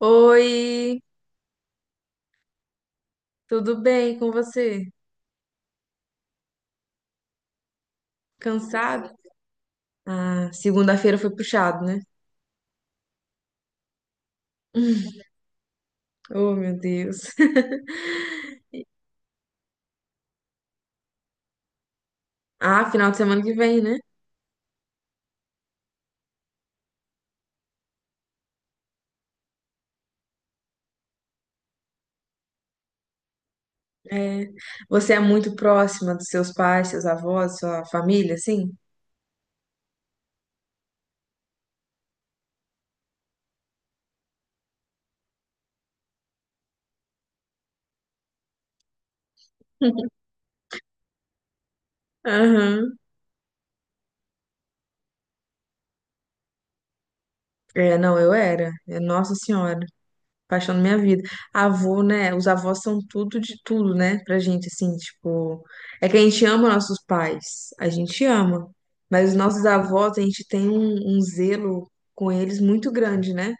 Oi, tudo bem com você? Cansado? Ah, segunda-feira foi puxado, né? Oh, meu Deus. Ah, final de semana que vem, né? É. Você é muito próxima dos seus pais, seus avós, sua família, assim? Aham. É, não, eu era. É, Nossa Senhora. Paixão da minha vida. Avô, né? Os avós são tudo de tudo, né? Pra gente, assim, tipo. É que a gente ama nossos pais, a gente ama. Mas os nossos avós, a gente tem um zelo com eles muito grande, né?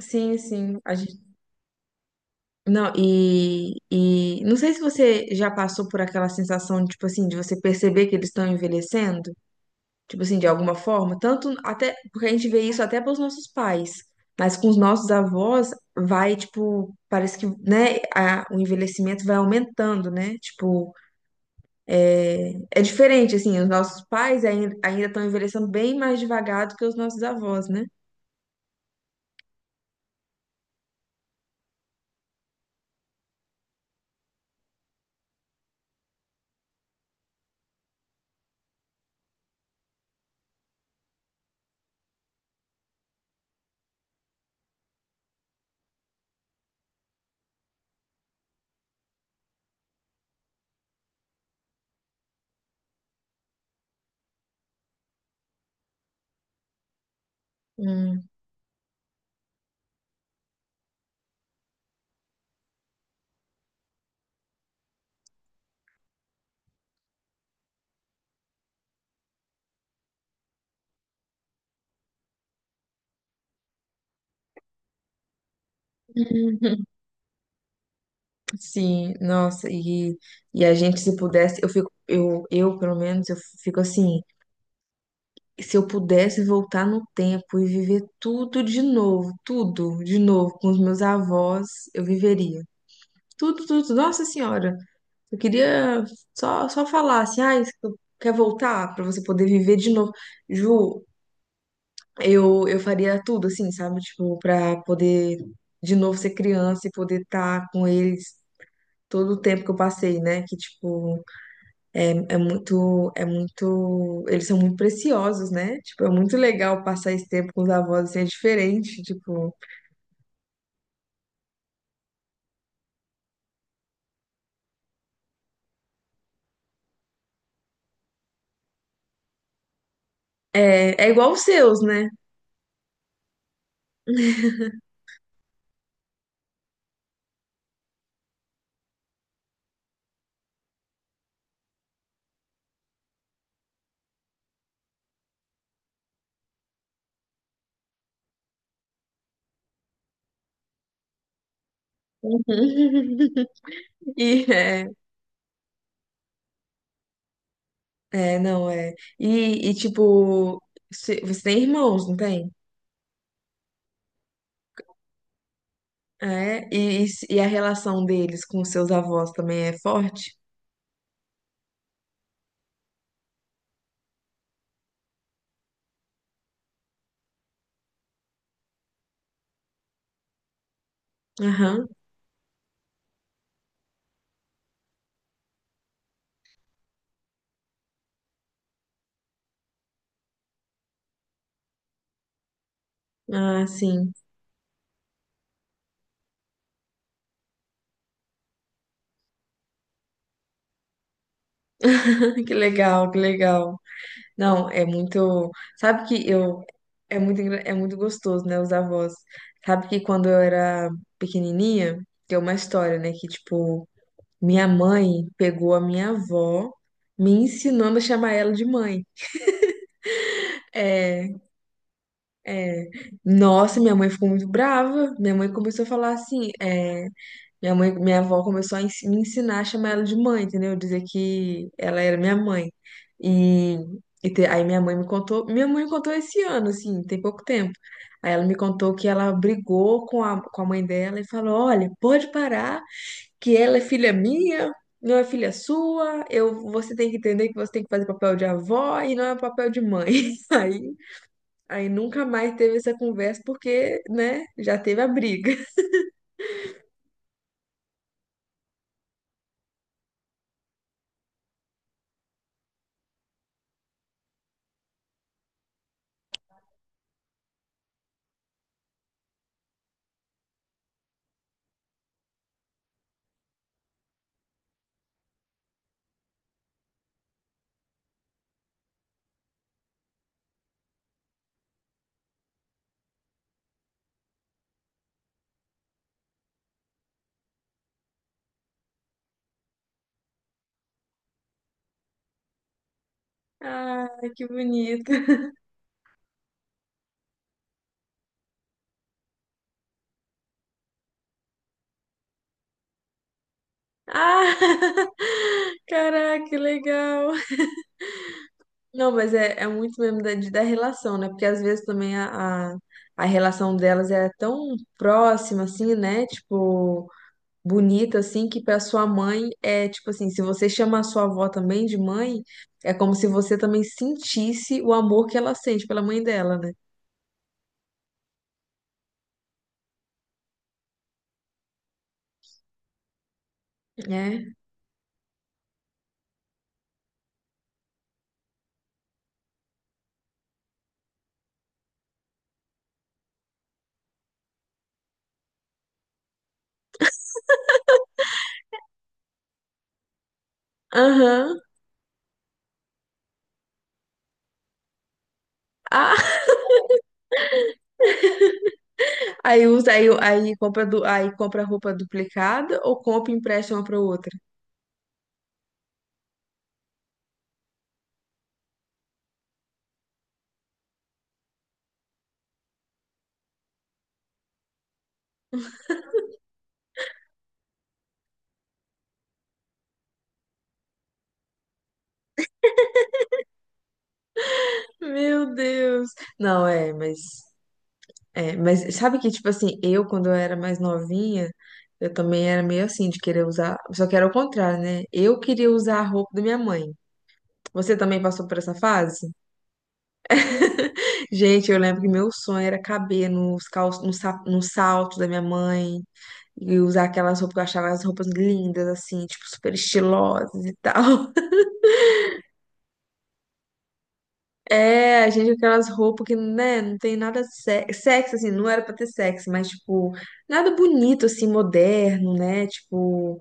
Sim, sim. A gente... Não, e não sei se você já passou por aquela sensação, tipo assim, de você perceber que eles estão envelhecendo. Tipo assim, de alguma forma, tanto até porque a gente vê isso até pelos nossos pais, mas com os nossos avós vai, tipo, parece que, né, o envelhecimento vai aumentando, né? Tipo, é é diferente, assim, os nossos pais ainda estão envelhecendo bem mais devagar do que os nossos avós, né? Hum. Sim, nossa, e a gente se pudesse, eu fico, eu pelo menos, eu fico assim, se eu pudesse voltar no tempo e viver tudo de novo com os meus avós, eu viveria. Tudo, tudo. Nossa Senhora, eu queria só falar assim, ah, isso que quer voltar pra você poder viver de novo. Ju, eu faria tudo assim, sabe? Tipo, pra poder de novo ser criança e poder estar com eles todo o tempo que eu passei, né? Que tipo é muito, é muito, eles são muito preciosos, né? Tipo, é muito legal passar esse tempo com os avós, assim, é diferente, tipo, é, é igual os seus, né? Uhum. E, é, é, não, é. E, tipo, você tem irmãos, não tem? É, e se- e a relação deles com os seus avós também é forte? Aham. Ah, sim. Que legal, que legal. Não, é muito. Sabe que eu. É muito, é muito gostoso, né? Os avós. Sabe que quando eu era pequenininha, tem uma história, né? Que, tipo, minha mãe pegou a minha avó me ensinando a chamar ela de mãe. É, é. Nossa, minha mãe ficou muito brava. Minha mãe começou a falar assim. "É, minha mãe, minha avó começou a me ensinar a chamar ela de mãe, entendeu? Dizer que ela era minha mãe. E, aí minha mãe me contou, esse ano, assim, tem pouco tempo. Aí ela me contou que ela brigou com a mãe dela e falou: Olha, pode parar, que ela é filha minha, não é filha sua, eu, você tem que entender que você tem que fazer papel de avó e não é papel de mãe. Aí, aí nunca mais teve essa conversa porque, né, já teve a briga. Ai, que bonito. Ah, caraca, que legal. Não, mas é, é muito mesmo da relação, né? Porque às vezes também a relação delas é tão próxima, assim, né? Tipo, bonita, assim, que pra sua mãe é tipo assim: se você chama a sua avó também de mãe, é como se você também sentisse o amor que ela sente pela mãe dela, né? É. Aham. Ah, aí usa, aí, aí compra, aí compra roupa duplicada ou compra e empresta uma pra outra? Meu Deus. Não, é, mas sabe que tipo assim, eu quando eu era mais novinha, eu também era meio assim de querer usar, só que era o contrário, né? Eu queria usar a roupa da minha mãe. Você também passou por essa fase? Gente, eu lembro que meu sonho era caber nos calços, no, no salto da minha mãe e usar aquelas roupas que eu achava as roupas lindas assim, tipo super estilosas e tal. É, a gente com aquelas roupas que, né, não tem nada sexy, assim, não era pra ter sexo, mas, tipo, nada bonito, assim, moderno, né, tipo,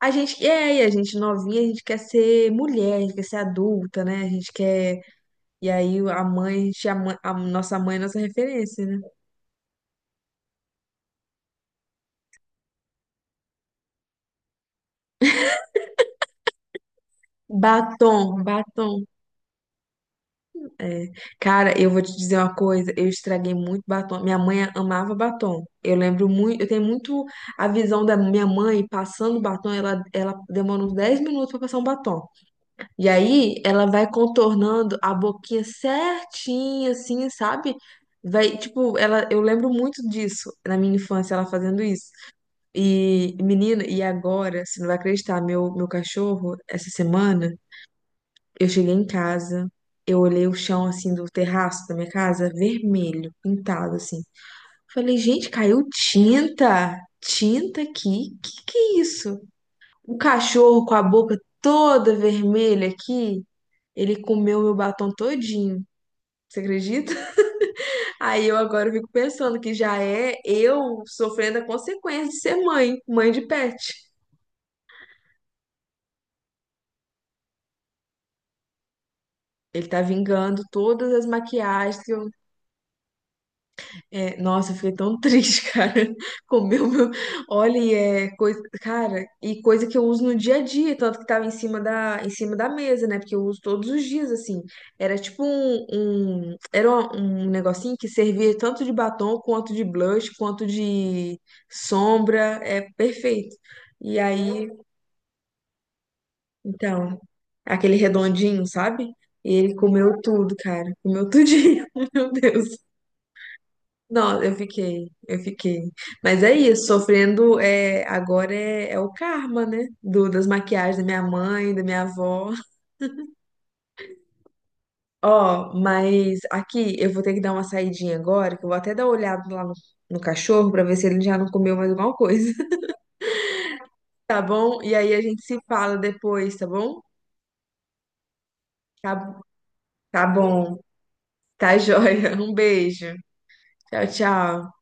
a gente, é, e a gente novinha, a gente quer ser mulher, a gente quer ser adulta, né, a gente quer, e aí a mãe, a, a nossa mãe é nossa referência, né, batom, batom. É. Cara, eu vou te dizer uma coisa, eu estraguei muito batom. Minha mãe amava batom. Eu lembro muito, eu tenho muito a visão da minha mãe passando batom, ela demora uns 10 minutos pra passar um batom. E aí ela vai contornando a boquinha certinha assim, sabe? Vai, tipo, ela, eu lembro muito disso na minha infância, ela fazendo isso. E menina, e agora, você não vai acreditar, meu cachorro essa semana eu cheguei em casa, eu olhei o chão assim do terraço da minha casa, vermelho, pintado assim. Falei, gente, caiu tinta, tinta aqui. Que é isso? O cachorro com a boca toda vermelha aqui, ele comeu meu batom todinho. Você acredita? Aí eu agora fico pensando que já é eu sofrendo a consequência de ser mãe, mãe de pet. Ele tá vingando todas as maquiagens, que eu é, nossa, eu fiquei tão triste, cara. Comeu meu. Olha, e é coisa. Cara, e coisa que eu uso no dia a dia, tanto que tava em cima da mesa, né? Porque eu uso todos os dias, assim. Era tipo um. Era um negocinho que servia tanto de batom, quanto de blush, quanto de sombra. É perfeito. E aí, então, aquele redondinho, sabe? E ele comeu tudo, cara. Comeu tudinho. Meu Deus. Não, eu fiquei, eu fiquei. Mas é isso, sofrendo é, agora é, é o karma, né? Do, das maquiagens da minha mãe, da minha avó. Ó, mas aqui eu vou ter que dar uma saidinha agora, que eu vou até dar uma olhada lá no cachorro pra ver se ele já não comeu mais alguma coisa, tá bom? E aí a gente se fala depois, tá bom? Tá, tá bom, tá joia. Um beijo. Tchau, tchau.